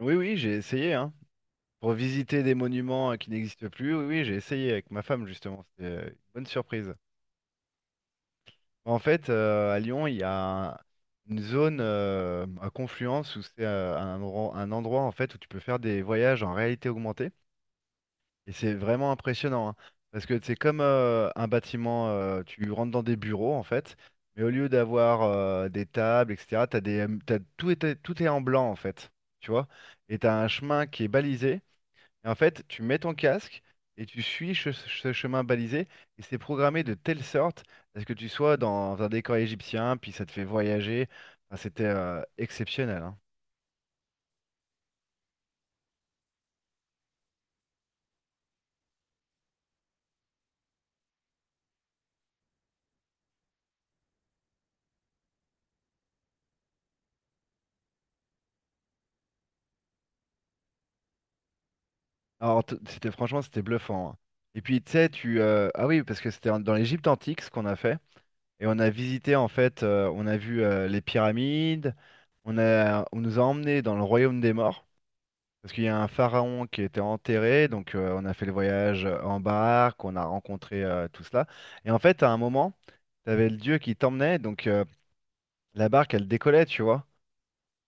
Oui, oui, j'ai essayé, hein. Pour visiter des monuments qui n'existent plus, oui, oui, j'ai essayé avec ma femme, justement. C'était une bonne surprise. En fait, à Lyon, il y a un- une zone à confluence où c'est un endroit en fait où tu peux faire des voyages en réalité augmentée. Et c'est vraiment impressionnant, hein, parce que c'est comme un bâtiment, tu rentres dans des bureaux, en fait, mais au lieu d'avoir des tables, etc., tout est en blanc, en fait. Tu vois? Et tu as un chemin qui est balisé. Et en fait, tu mets ton casque et tu suis ce chemin balisé et c'est programmé de telle sorte à ce que tu sois dans un décor égyptien, puis ça te fait voyager. Enfin, c'était exceptionnel, hein. Alors, c'était franchement, c'était bluffant, hein. Et puis, tu sais, tu ah oui, parce que c'était dans l'Égypte antique ce qu'on a fait et on a visité en fait, on a vu les pyramides, on nous a emmenés dans le royaume des morts. Parce qu'il y a un pharaon qui était enterré, donc on a fait le voyage en barque, on a rencontré tout cela. Et en fait, à un moment, tu avais le dieu qui t'emmenait, donc la barque, elle décollait, tu vois.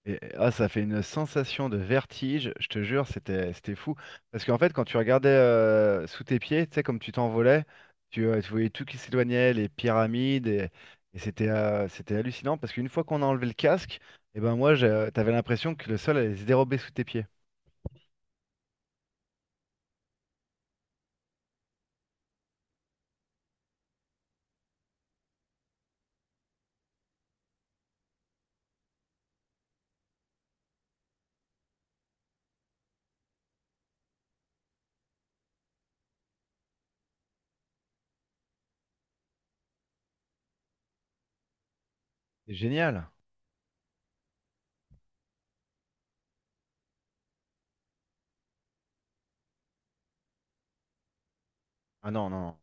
Et ah, ça fait une sensation de vertige, je te jure, c'était fou. Parce qu'en fait, quand tu regardais sous tes pieds, tu sais, comme tu t'envolais, tu voyais tout qui s'éloignait, les pyramides, et c'était c'était hallucinant. Parce qu'une fois qu'on a enlevé le casque, et ben moi, t'avais l'impression que le sol allait se dérober sous tes pieds. C'est génial. Ah non, non, non.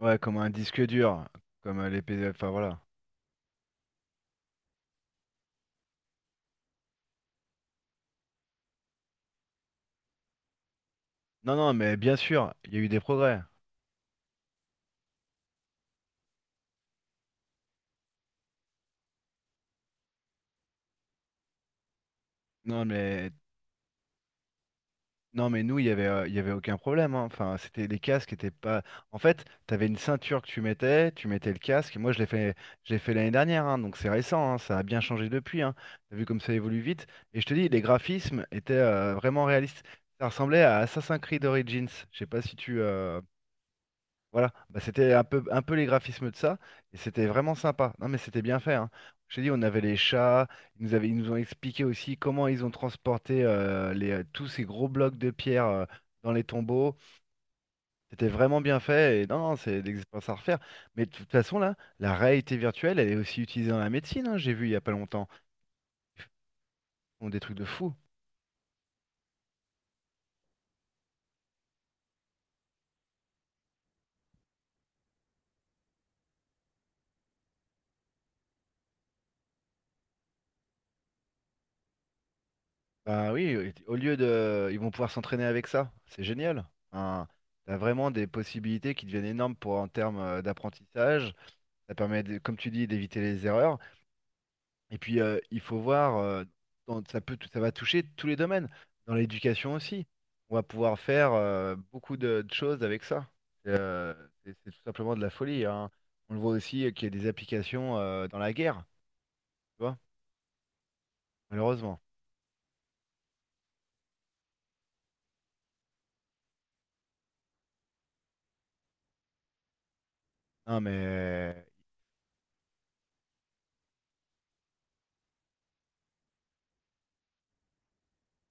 Ouais, comme un disque dur, comme les P D F, enfin voilà. Non, non, mais bien sûr, il y a eu des progrès. Non, mais, non, mais nous, il y avait aucun problème, hein. Enfin, c'était, les casques étaient pas. En fait, tu avais une ceinture que tu mettais le casque. Et moi, je l'ai fait l'année dernière, hein, donc c'est récent, hein, ça a bien changé depuis, hein. T'as vu comme ça évolue vite. Et je te dis, les graphismes étaient vraiment réalistes. Ça ressemblait à Assassin's Creed Origins. Je sais pas si voilà, bah, c'était un peu les graphismes de ça, et c'était vraiment sympa. Non, mais c'était bien fait, hein. Je t'ai dit, on avait les chats, ils nous ont expliqué aussi comment ils ont transporté tous ces gros blocs de pierre dans les tombeaux. C'était vraiment bien fait, et non, non, c'est des expériences à refaire. Mais de toute façon, là, la réalité virtuelle, elle est aussi utilisée dans la médecine, hein, j'ai vu il y a pas longtemps. Ils font des trucs de fou. Bah oui, au lieu de... Ils vont pouvoir s'entraîner avec ça, c'est génial. Hein, t'as vraiment des possibilités qui deviennent énormes pour en termes d'apprentissage. Ça permet, comme tu dis, d'éviter les erreurs. Et puis, il faut voir, ça peut, ça va toucher tous les domaines, dans l'éducation aussi. On va pouvoir faire beaucoup de choses avec ça. Euh, c'est tout simplement de la folie, hein. On le voit aussi qu'il y a des applications dans la guerre, tu vois, malheureusement. Non, mais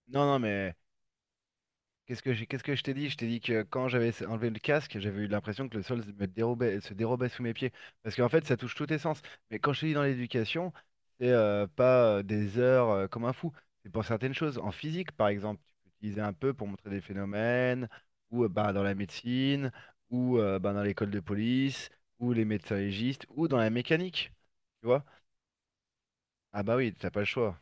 non, non, mais Qu'est-ce que qu'est-ce que je t'ai dit? Je t'ai dit que quand j'avais enlevé le casque, j'avais eu l'impression que le sol se me dérobait, se dérobait sous mes pieds. Parce qu'en fait, ça touche tous tes sens. Mais quand je te dis dans l'éducation, c'est pas des heures comme un fou. C'est pour certaines choses. En physique, par exemple, tu peux utiliser un peu pour montrer des phénomènes, ou bah, dans la médecine, ou bah, dans l'école de police, ou les médecins légistes, ou dans la mécanique. Tu vois? Ah bah oui, t'as pas le choix,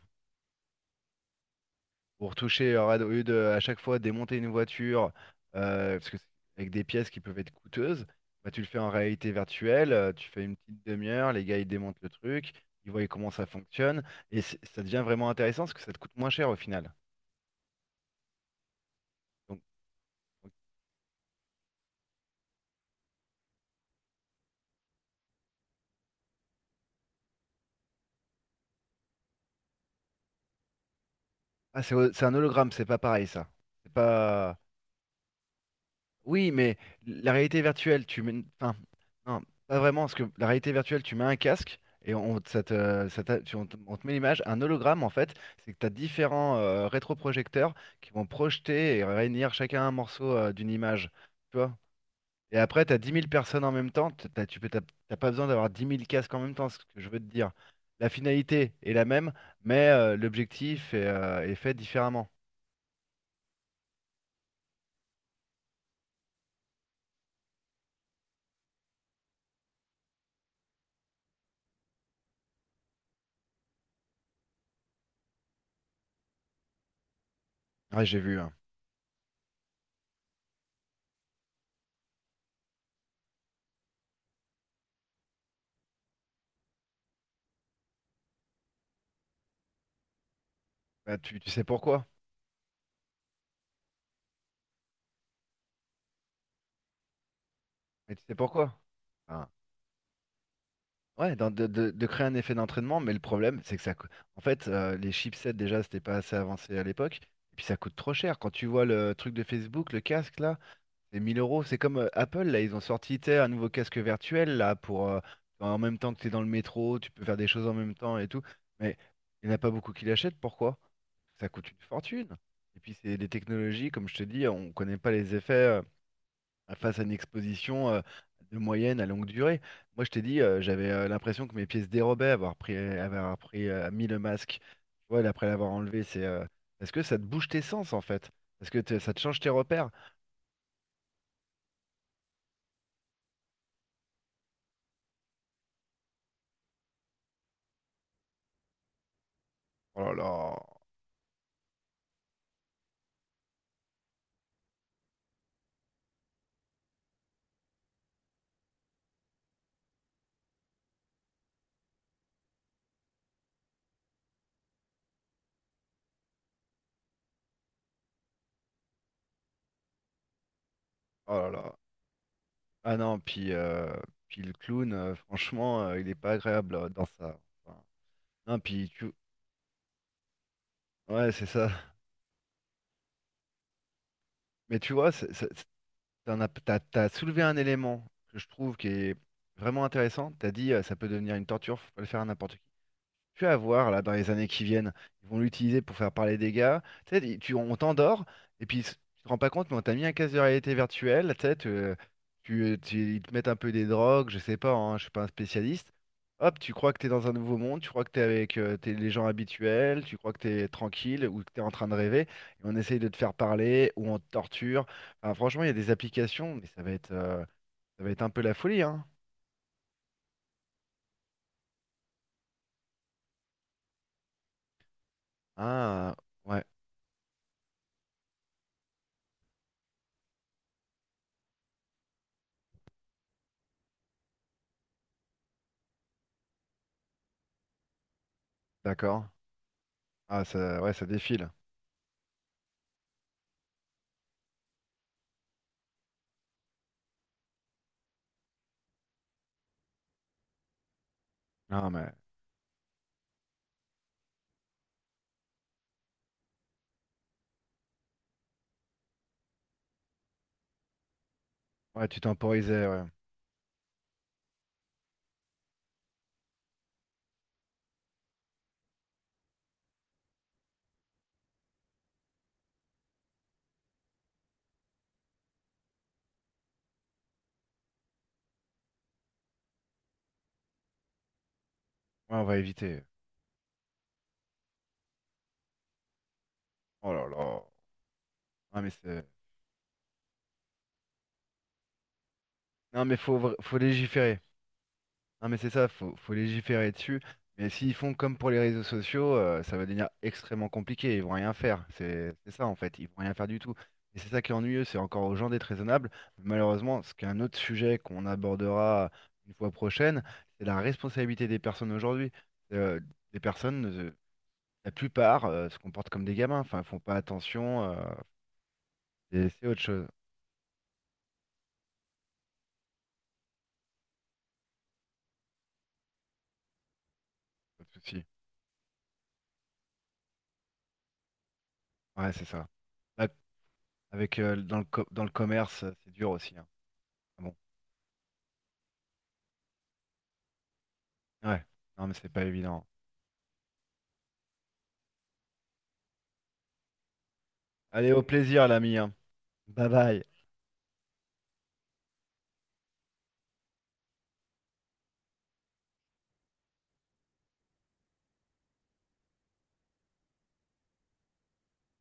pour toucher, au lieu de à chaque fois démonter une voiture, parce que c'est avec des pièces qui peuvent être coûteuses, bah, tu le fais en réalité virtuelle, tu fais une petite demi-heure, les gars ils démontent le truc, ils voient comment ça fonctionne, et ça devient vraiment intéressant parce que ça te coûte moins cher au final. Donc, donc- ah, c'est un hologramme, c'est pas pareil ça. C'est pas. Oui, mais la réalité virtuelle, tu mets... Enfin, non, pas vraiment, parce que la réalité virtuelle, tu mets un casque et on te met l'image. Un hologramme, en fait, c'est que tu as différents rétroprojecteurs qui vont projeter et réunir chacun un morceau d'une image. Tu vois? Et après, tu as 10 000 personnes en même temps. T'as- tu peux, t'as t'as pas besoin d'avoir 10 000 casques en même temps, c'est ce que je veux te dire. La finalité est la même, mais l'objectif est, est fait différemment. Ouais, j'ai vu, hein. Bah, tu sais pourquoi? Mais tu sais pourquoi? Enfin, Ouais, de créer un effet d'entraînement, mais le problème, c'est en fait, les chipsets, déjà, c'était pas assez avancé à l'époque. Et puis, ça coûte trop cher. Quand tu vois le truc de Facebook, le casque, là, c'est 1000 euros. C'est comme Apple, là, ils ont sorti, tu sais, un nouveau casque virtuel, là, pour. En même temps que tu es dans le métro, tu peux faire des choses en même temps et tout. Mais il n'y en a pas beaucoup qui l'achètent. Pourquoi? Ça coûte une fortune. Et puis, c'est des technologies, comme je te dis, on connaît pas les effets, face à une exposition de moyenne à longue durée. Moi, je t'ai dit, j'avais l'impression que mes pieds se dérobaient, avoir pris, mis le masque, tu vois, et après l'avoir enlevé, c'est parce que ça te bouge tes sens en fait, parce que ça te change tes repères. Oh là là, oh là là. Ah non, puis, puis le clown, franchement, il est pas agréable dans ça. Enfin, non, puis tu, ouais, c'est ça. Mais tu vois, t'en as, t'as soulevé un élément que je trouve qui est vraiment intéressant. T'as dit, ça peut devenir une torture, faut pas le faire à n'importe, tu vas voir, là, dans les années qui viennent, ils vont l'utiliser pour faire parler des gars. Tu sais, on t'endort, et puis tu te rends pas compte, mais on t'a mis un casque de réalité virtuelle, tu sais, ils te mettent un peu des drogues, je sais pas, hein, je suis pas un spécialiste. Hop, tu crois que t'es dans un nouveau monde, tu crois que t'es avec t'es les gens habituels, tu crois que t'es tranquille ou que t'es en train de rêver, et on essaye de te faire parler, ou on te torture. Enfin, franchement, il y a des applications, mais ça va être un peu la folie, hein. Ah, ouais, d'accord. Ah, ça, ouais, ça défile. Non, mais... Ouais, tu temporisais, ouais. Ouais, on va éviter. Oh là là. Non, mais c'est... Non, mais faut légiférer. Non, mais c'est ça, faut légiférer dessus. Mais s'ils font comme pour les réseaux sociaux, ça va devenir extrêmement compliqué. Ils vont rien faire. C'est ça, en fait. Ils vont rien faire du tout. Et c'est ça qui est ennuyeux. C'est encore aux gens d'être raisonnables. Malheureusement, ce qui est un autre sujet qu'on abordera une fois prochaine, c'est la responsabilité des personnes aujourd'hui. Euh, des personnes, la plupart, se comportent comme des gamins. Enfin, ils font pas attention, et c'est autre chose. Pas de souci. Ouais, c'est ça. Là, avec dans le commerce, c'est dur aussi, hein. Ah bon. Ouais. Non, mais c'est pas évident. Allez, au plaisir, l'ami, hein. Bye bye.